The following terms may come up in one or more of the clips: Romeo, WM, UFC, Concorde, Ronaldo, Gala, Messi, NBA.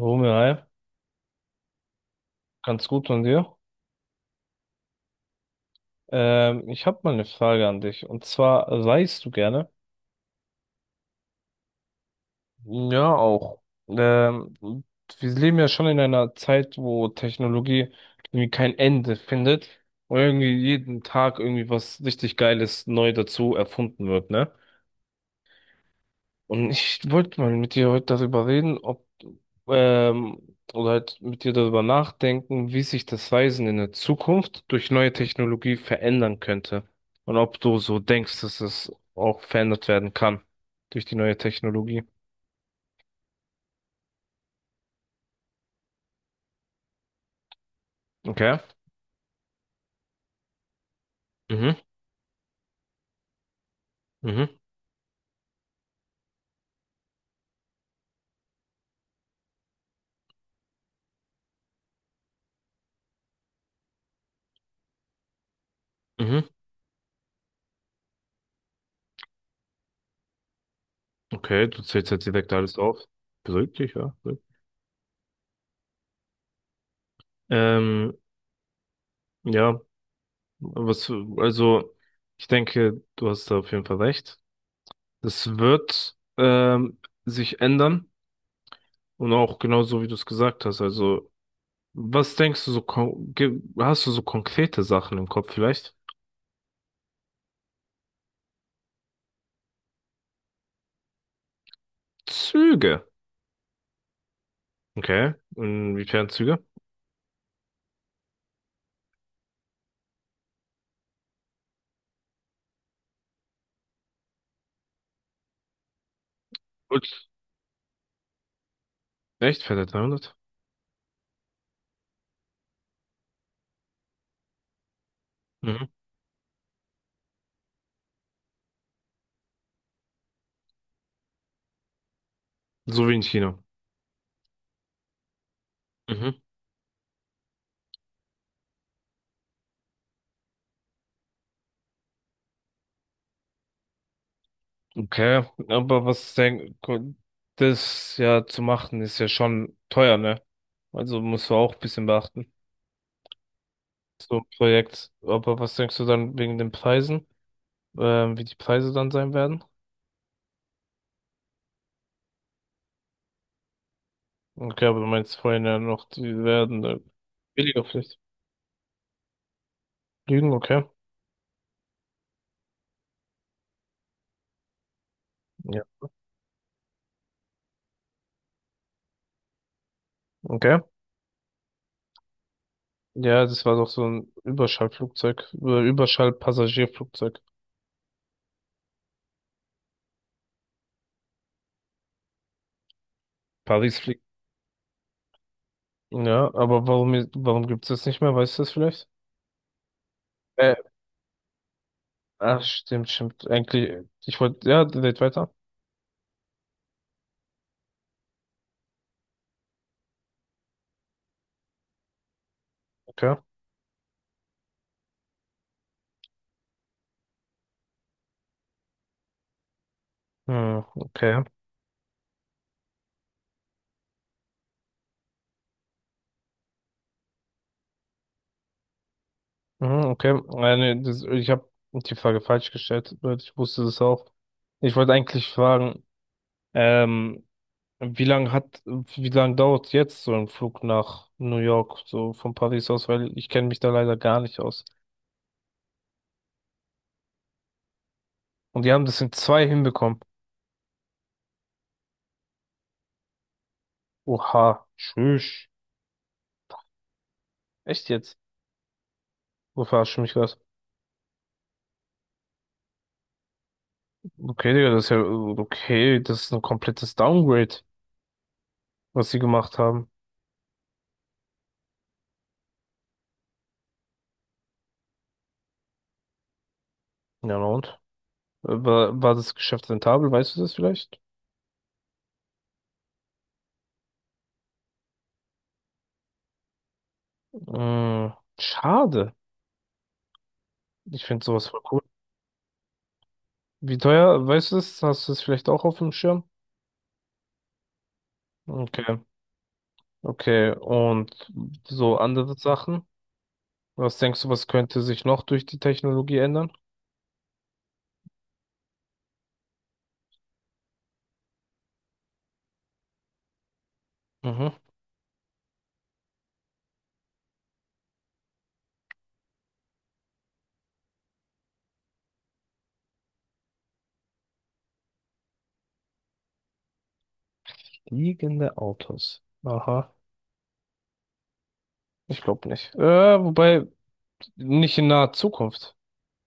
Romeo, hi. Ganz gut von dir. Ich habe mal eine Frage an dich. Und zwar, reist du gerne? Ja, auch. Ähm, Wir leben ja schon in einer Zeit, wo Technologie irgendwie kein Ende findet und irgendwie jeden Tag irgendwie was richtig Geiles neu dazu erfunden wird, ne? Und ich wollte mal mit dir heute darüber reden, ähm, oder halt mit dir darüber nachdenken, wie sich das Reisen in der Zukunft durch neue Technologie verändern könnte. Und ob du so denkst, dass es auch verändert werden kann durch die neue Technologie. Okay. Mhm, mhm, mhm. Okay, du zählst jetzt direkt alles auf. Beruhigt dich, ja. Beruhigt. Ähm, ja, was, also, ich denke, du hast da auf jeden Fall recht. Das wird sich ändern. Und auch genauso, wie du es gesagt hast. Also, was denkst du so, hast du so konkrete Sachen im Kopf vielleicht? Züge. Okay. Inwiefern Züge? Gut. Echt? Fährt er 300? Mhm. So wie in China. Mhm. Okay. Aber das ja zu machen, ist ja schon teuer, ne? Also musst du auch ein bisschen beachten. So ein Projekt. Aber was denkst du dann wegen den Preisen? Wie die Preise dann sein werden? Okay, aber du meinst vorhin ja noch, die werden billiger vielleicht. Lügen, okay. Ja. Okay. Ja, das war doch so ein Überschallflugzeug, Überschallpassagierflugzeug. Paris fliegt. Ja, aber warum gibt's das nicht mehr? Weißt du das vielleicht? Äh, Ach, stimmt, stimmt. Eigentlich, ich wollte, ja, red weiter. Okay. Hm, okay. Mhm, okay. Nee, das, ich habe die Frage falsch gestellt, weil ich wusste das auch. Ich wollte eigentlich fragen, ähm, wie lange dauert jetzt so ein Flug nach New York, so von Paris aus, weil ich kenne mich da leider gar nicht aus. Und die haben das in 2 hinbekommen. Oha, tschüss. Echt jetzt? Wo verarsch mich was? Okay, Digga, das ist ja, okay, das ist ein komplettes Downgrade, was sie gemacht haben. Ja, na und? War das Geschäft rentabel, weißt du das vielleicht? Mm, Schade. Ich finde sowas voll cool. Wie teuer, weißt du das? Hast du das vielleicht auch auf dem Schirm? Okay. Okay, und so andere Sachen? Was denkst du, was könnte sich noch durch die Technologie ändern? Mhm. Fliegende Autos. Aha. Ich glaube nicht. Wobei, nicht in naher Zukunft.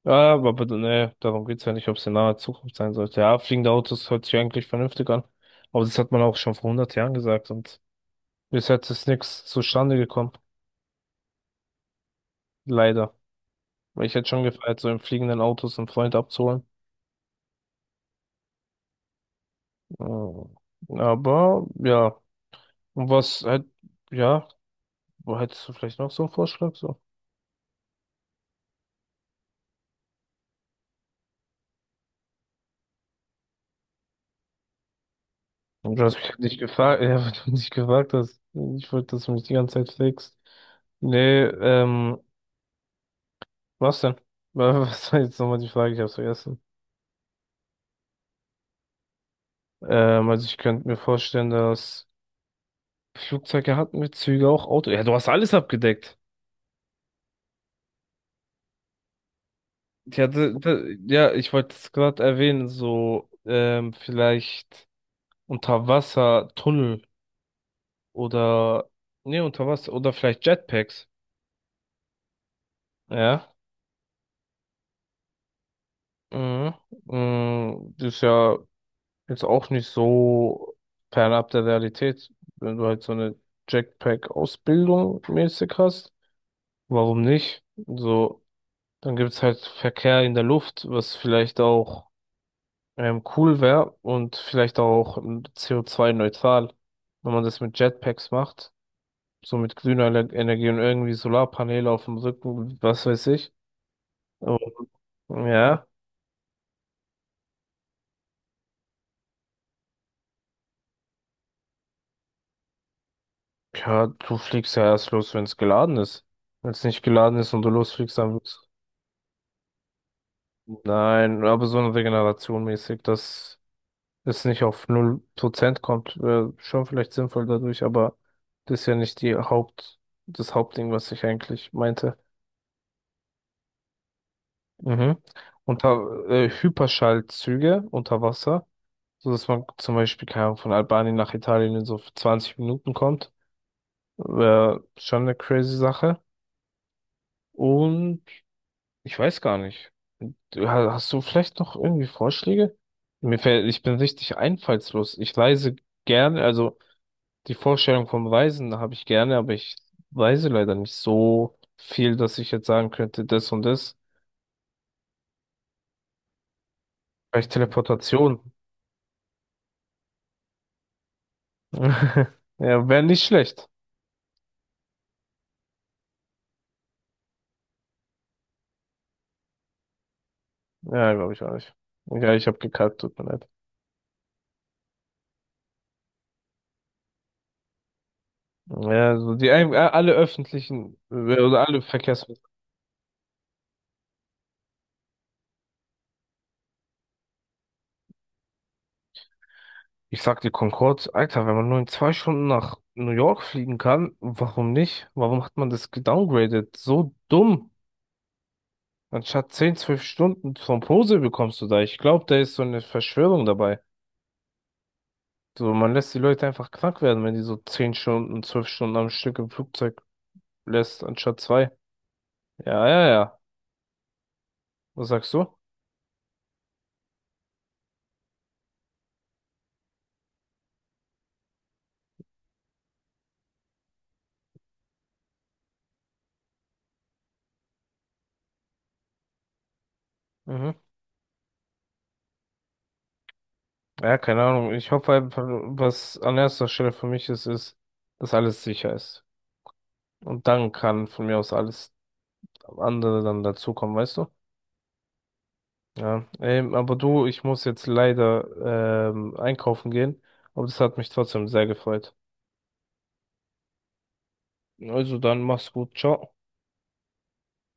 Ja, aber bitte, nee, darum geht's ja nicht, ob es in naher Zukunft sein sollte. Ja, fliegende Autos hört sich eigentlich vernünftig an. Aber das hat man auch schon vor 100 Jahren gesagt und bis jetzt ist nichts zustande gekommen. Leider. Weil ich hätte schon gefeiert, so in fliegenden Autos einen Freund abzuholen. Mm. Aber, ja. Und was halt, ja, wo hättest du vielleicht noch so einen Vorschlag so? Und Du hast mich halt nicht gefragt, ja, weil du mich nicht gefragt hast. Ich wollte, dass du mich die ganze Zeit flext. Nee, was denn? Was war jetzt nochmal die Frage? Ich hab's vergessen. Also ich könnte mir vorstellen, dass Flugzeuge hatten wir, Züge auch, Auto. Ja, du hast alles abgedeckt. Ja, ja, ich wollte es gerade erwähnen, so, vielleicht Unterwassertunnel oder, nee, Unterwasser oder vielleicht Jetpacks. Ja. Mhm. Das ist ja jetzt auch nicht so fernab der Realität, wenn du halt so eine Jetpack-Ausbildung mäßig hast. Warum nicht? So, dann gibt's halt Verkehr in der Luft, was vielleicht auch cool wäre und vielleicht auch CO2-neutral, wenn man das mit Jetpacks macht, so mit grüner Energie und irgendwie Solarpaneele auf dem Rücken, was weiß ich. Aber, ja. Ja, du fliegst ja erst los, wenn es geladen ist. Wenn es nicht geladen ist und du losfliegst, dann wird's. Nein, aber so eine Regeneration mäßig, dass es nicht auf 0% kommt, wäre schon vielleicht sinnvoll dadurch, aber das ist ja nicht das Hauptding, was ich eigentlich meinte. Mhm. Unter Hyperschallzüge unter Wasser, so dass man zum Beispiel, keine Ahnung, von Albanien nach Italien in so 20 Minuten kommt, wäre schon eine crazy Sache. Und ich weiß gar nicht. Ja, hast du vielleicht noch irgendwie Vorschläge? Ich bin richtig einfallslos. Ich reise gerne, also die Vorstellung vom Reisen habe ich gerne, aber ich reise leider nicht so viel, dass ich jetzt sagen könnte, das und das. Vielleicht Teleportation. Ja, wäre nicht schlecht. Ja, glaube ich auch nicht. Ja, ich habe gekackt, tut mir leid. Ja, so alle öffentlichen oder alle Verkehrs. Ich sag dir Concorde, Alter, wenn man nur in 2 Stunden nach New York fliegen kann, warum nicht? Warum hat man das gedowngraded? So dumm. Anstatt 10, 12 Stunden vom Posel bekommst du da. Ich glaube, da ist so eine Verschwörung dabei. So, man lässt die Leute einfach krank werden, wenn die so 10 Stunden, 12 Stunden am Stück im Flugzeug lässt, anstatt 2. Ja, ja, ja. Was sagst du? Mhm. Ja, keine Ahnung. Ich hoffe einfach, was an erster Stelle für mich ist, ist, dass alles sicher ist. Und dann kann von mir aus alles andere dann dazukommen, weißt du? Ja, aber du, ich muss jetzt leider einkaufen gehen, aber das hat mich trotzdem sehr gefreut. Also dann mach's gut, ciao.